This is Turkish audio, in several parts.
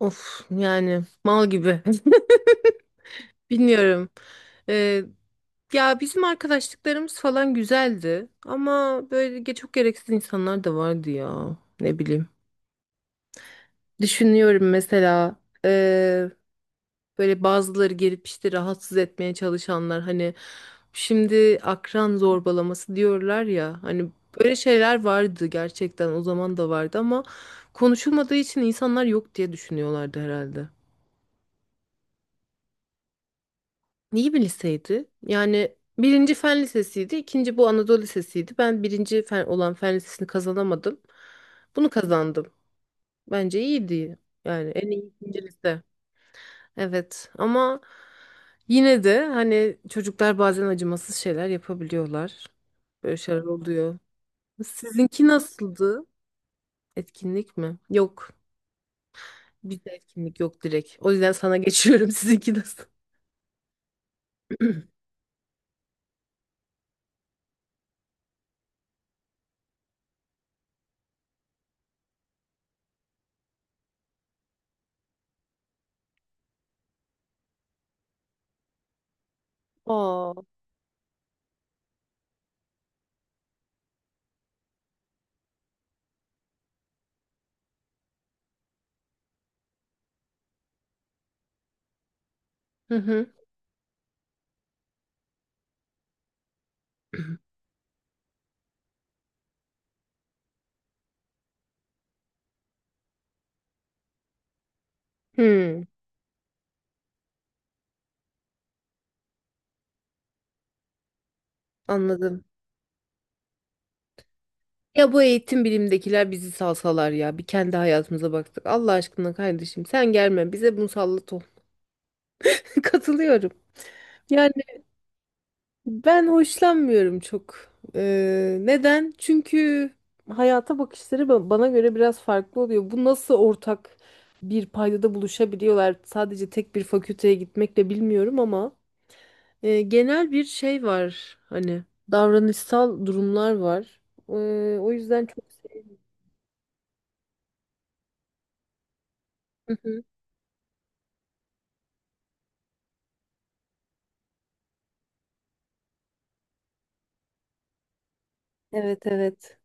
Of yani mal gibi. Bilmiyorum. Ee, ya bizim arkadaşlıklarımız falan güzeldi ama böyle çok gereksiz insanlar da vardı ya. Ne bileyim. Düşünüyorum mesela ee, böyle bazıları gelip işte rahatsız etmeye çalışanlar hani şimdi akran zorbalaması diyorlar ya hani böyle şeyler vardı gerçekten o zaman da vardı ama konuşulmadığı için insanlar yok diye düşünüyorlardı herhalde. İyi bir liseydi. Yani birinci fen lisesiydi, ikinci bu Anadolu Lisesi'ydi. Ben birinci fen olan fen lisesini kazanamadım. Bunu kazandım. Bence iyiydi. Yani en iyi ikinci lise. Evet ama yine de hani çocuklar bazen acımasız şeyler yapabiliyorlar. Böyle şeyler oluyor. Sizinki nasıldı? Etkinlik mi? Yok. Bizde etkinlik yok direkt. O yüzden sana geçiyorum. Sizinki nasıl? Aa. Hı hı. Hı, anladım. Ya bu eğitim bilimdekiler bizi salsalar ya. Bir kendi hayatımıza baktık. Allah aşkına kardeşim sen gelme. Bize musallat ol. Katılıyorum. Yani ben hoşlanmıyorum çok. Neden? Çünkü hayata bakışları bana göre biraz farklı oluyor. Bu nasıl ortak bir paydada buluşabiliyorlar? Sadece tek bir fakülteye gitmekle bilmiyorum ama. Genel bir şey var hani davranışsal durumlar var. E, o yüzden çok sevdim. Hı hı. Evet, evet.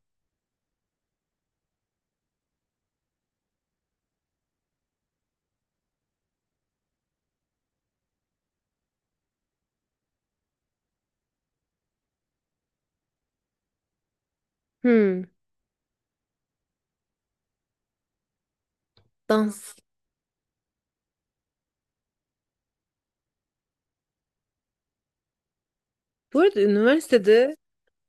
Hmm, dans. Bu arada üniversitede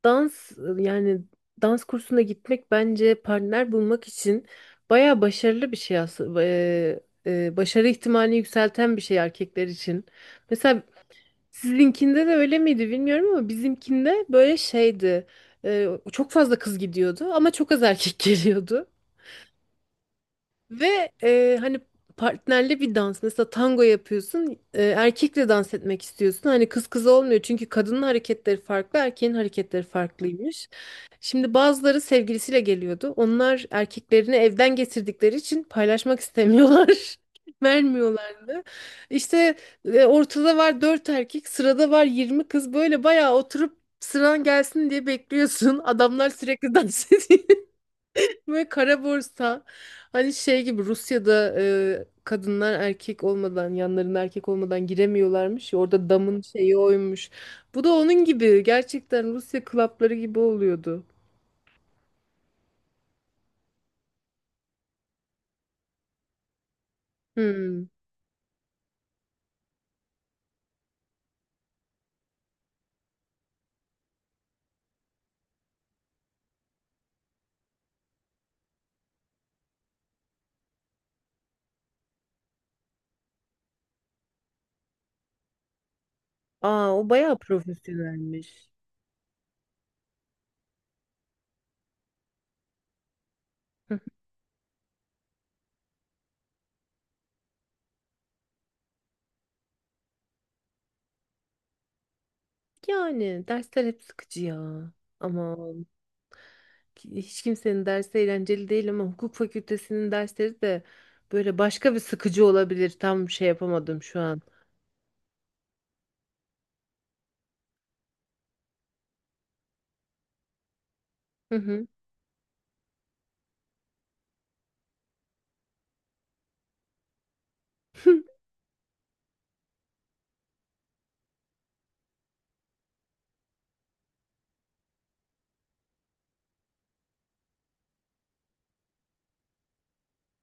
dans yani dans kursuna gitmek bence partner bulmak için baya başarılı bir şey aslında. Başarı ihtimalini yükselten bir şey erkekler için. Mesela sizinkinde de öyle miydi bilmiyorum ama bizimkinde böyle şeydi. Çok fazla kız gidiyordu ama çok az erkek geliyordu. Ve hani partnerli bir dans mesela tango yapıyorsun, erkekle dans etmek istiyorsun hani kız kız olmuyor çünkü kadının hareketleri farklı erkeğin hareketleri farklıymış. Şimdi bazıları sevgilisiyle geliyordu, onlar erkeklerini evden getirdikleri için paylaşmak istemiyorlar. Vermiyorlardı. İşte ortada var dört erkek, sırada var 20 kız. Böyle bayağı oturup sıran gelsin diye bekliyorsun. Adamlar sürekli dans ediyor. Ve kara borsa hani şey gibi Rusya'da, kadınlar erkek olmadan yanlarında erkek olmadan giremiyorlarmış ya, orada damın şeyi oymuş. Bu da onun gibi gerçekten Rusya klapları gibi oluyordu. Hmm. Aa, o bayağı profesyonelmiş. Hı hı. Yani dersler hep sıkıcı ya. Aman, hiç kimsenin dersi eğlenceli değil ama hukuk fakültesinin dersleri de böyle başka bir sıkıcı olabilir. Tam şey yapamadım şu an.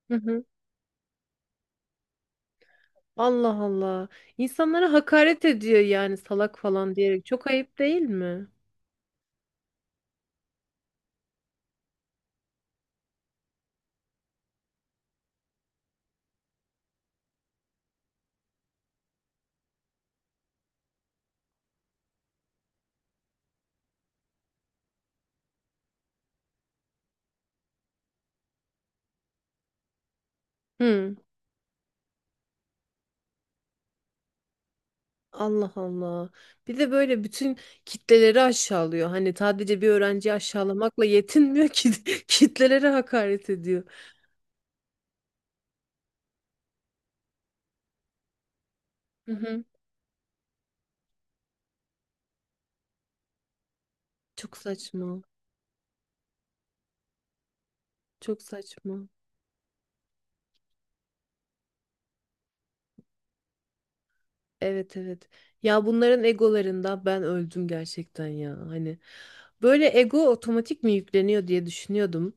Hı hı. Allah Allah. İnsanlara hakaret ediyor yani salak falan diyerek. Çok ayıp değil mi? Hı. Allah Allah. Bir de böyle bütün kitleleri aşağılıyor. Hani sadece bir öğrenciyi aşağılamakla yetinmiyor ki kitlelere hakaret ediyor. Hı hı. Çok saçma. Çok saçma. Evet, evet. Ya bunların egolarında ben öldüm gerçekten ya. Hani böyle ego otomatik mi yükleniyor diye düşünüyordum.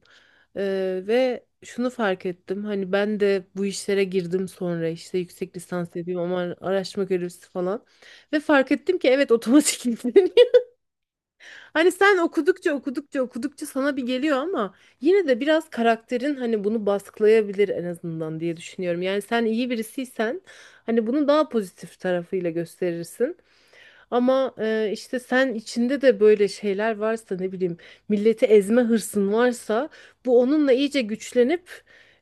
Ve şunu fark ettim. Hani ben de bu işlere girdim sonra işte yüksek lisans yapayım ama araştırma görevlisi falan. Ve fark ettim ki evet, otomatik. Hani sen okudukça okudukça okudukça sana bir geliyor ama yine de biraz karakterin hani bunu baskılayabilir en azından diye düşünüyorum. Yani sen iyi birisiysen hani bunu daha pozitif tarafıyla gösterirsin. Ama işte sen içinde de böyle şeyler varsa, ne bileyim, milleti ezme hırsın varsa bu onunla iyice güçlenip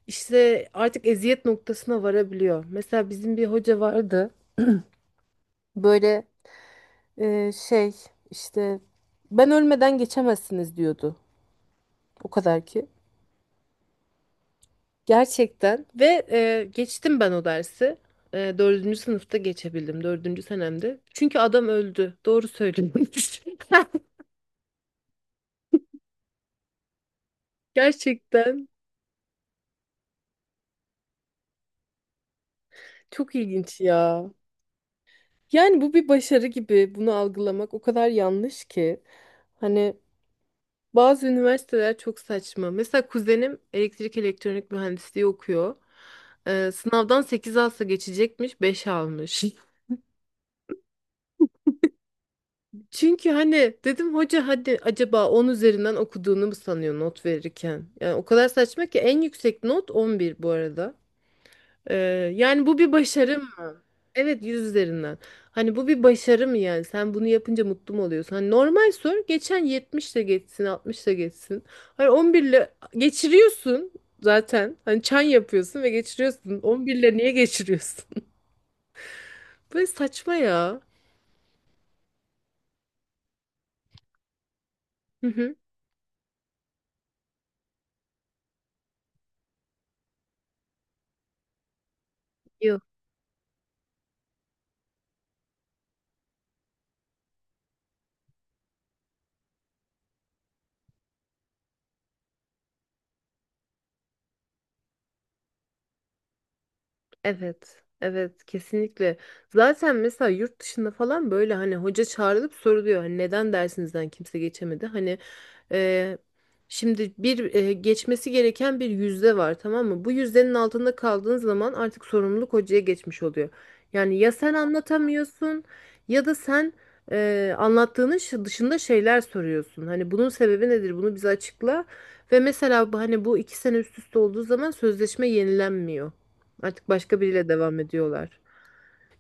işte artık eziyet noktasına varabiliyor. Mesela bizim bir hoca vardı böyle şey işte ben ölmeden geçemezsiniz diyordu. O kadar ki. Gerçekten ve geçtim ben o dersi. Dördüncü sınıfta geçebildim. Dördüncü senemde. Çünkü adam öldü. Doğru söylüyormuş. Gerçekten çok ilginç ya. Yani bu bir başarı gibi bunu algılamak o kadar yanlış ki. Hani bazı üniversiteler çok saçma. Mesela kuzenim elektrik elektronik mühendisliği okuyor. Sınavdan 8 alsa geçecekmiş, 5 almış. Çünkü hani dedim hoca hadi acaba 10 üzerinden okuduğunu mu sanıyor not verirken? Yani o kadar saçma ki en yüksek not 11 bu arada. Ee, yani bu bir başarı mı? Evet, 100 üzerinden. Hani bu bir başarı mı yani? Sen bunu yapınca mutlu mu oluyorsun? Hani normal sor, geçen 70 de geçsin 60 da geçsin. Hani 11 ile geçiriyorsun zaten. Hani çan yapıyorsun ve geçiriyorsun. 11 ile niye geçiriyorsun? Böyle saçma ya. Hı hı. Yok. Evet, evet, kesinlikle. Zaten mesela yurt dışında falan böyle hani hoca çağrılıp soruluyor. Hani neden dersinizden kimse geçemedi? Hani e, şimdi bir geçmesi gereken bir yüzde var, tamam mı? Bu yüzdenin altında kaldığın zaman artık sorumluluk hocaya geçmiş oluyor. Yani ya sen anlatamıyorsun ya da sen anlattığının dışında şeyler soruyorsun. Hani bunun sebebi nedir? Bunu bize açıkla. Ve mesela hani bu iki sene üst üste olduğu zaman sözleşme yenilenmiyor. Artık başka biriyle devam ediyorlar.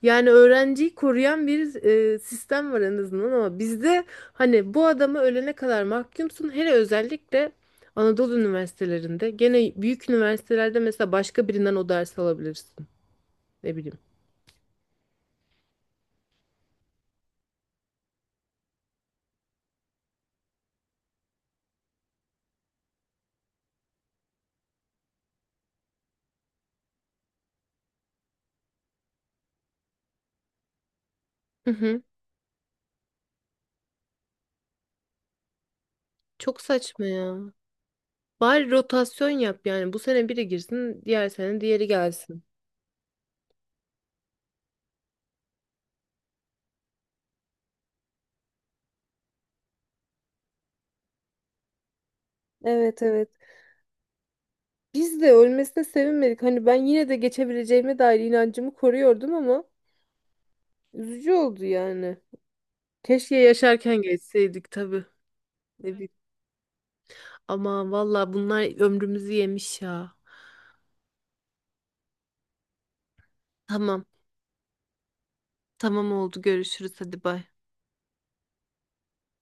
Yani öğrenciyi koruyan bir sistem var en azından ama bizde hani bu adamı ölene kadar mahkumsun. Hele özellikle Anadolu üniversitelerinde, gene büyük üniversitelerde mesela başka birinden o dersi alabilirsin. Ne bileyim. Hı hı. Çok saçma ya. Bari rotasyon yap yani bu sene biri girsin, diğer sene diğeri gelsin. Evet, evet. Biz de ölmesine sevinmedik. Hani ben yine de geçebileceğime dair inancımı koruyordum ama üzücü oldu yani. Keşke yaşarken geçseydik tabii. Ne bileyim. Aman valla bunlar ömrümüzü yemiş ya. Tamam. Tamam, oldu. Görüşürüz. Hadi bay.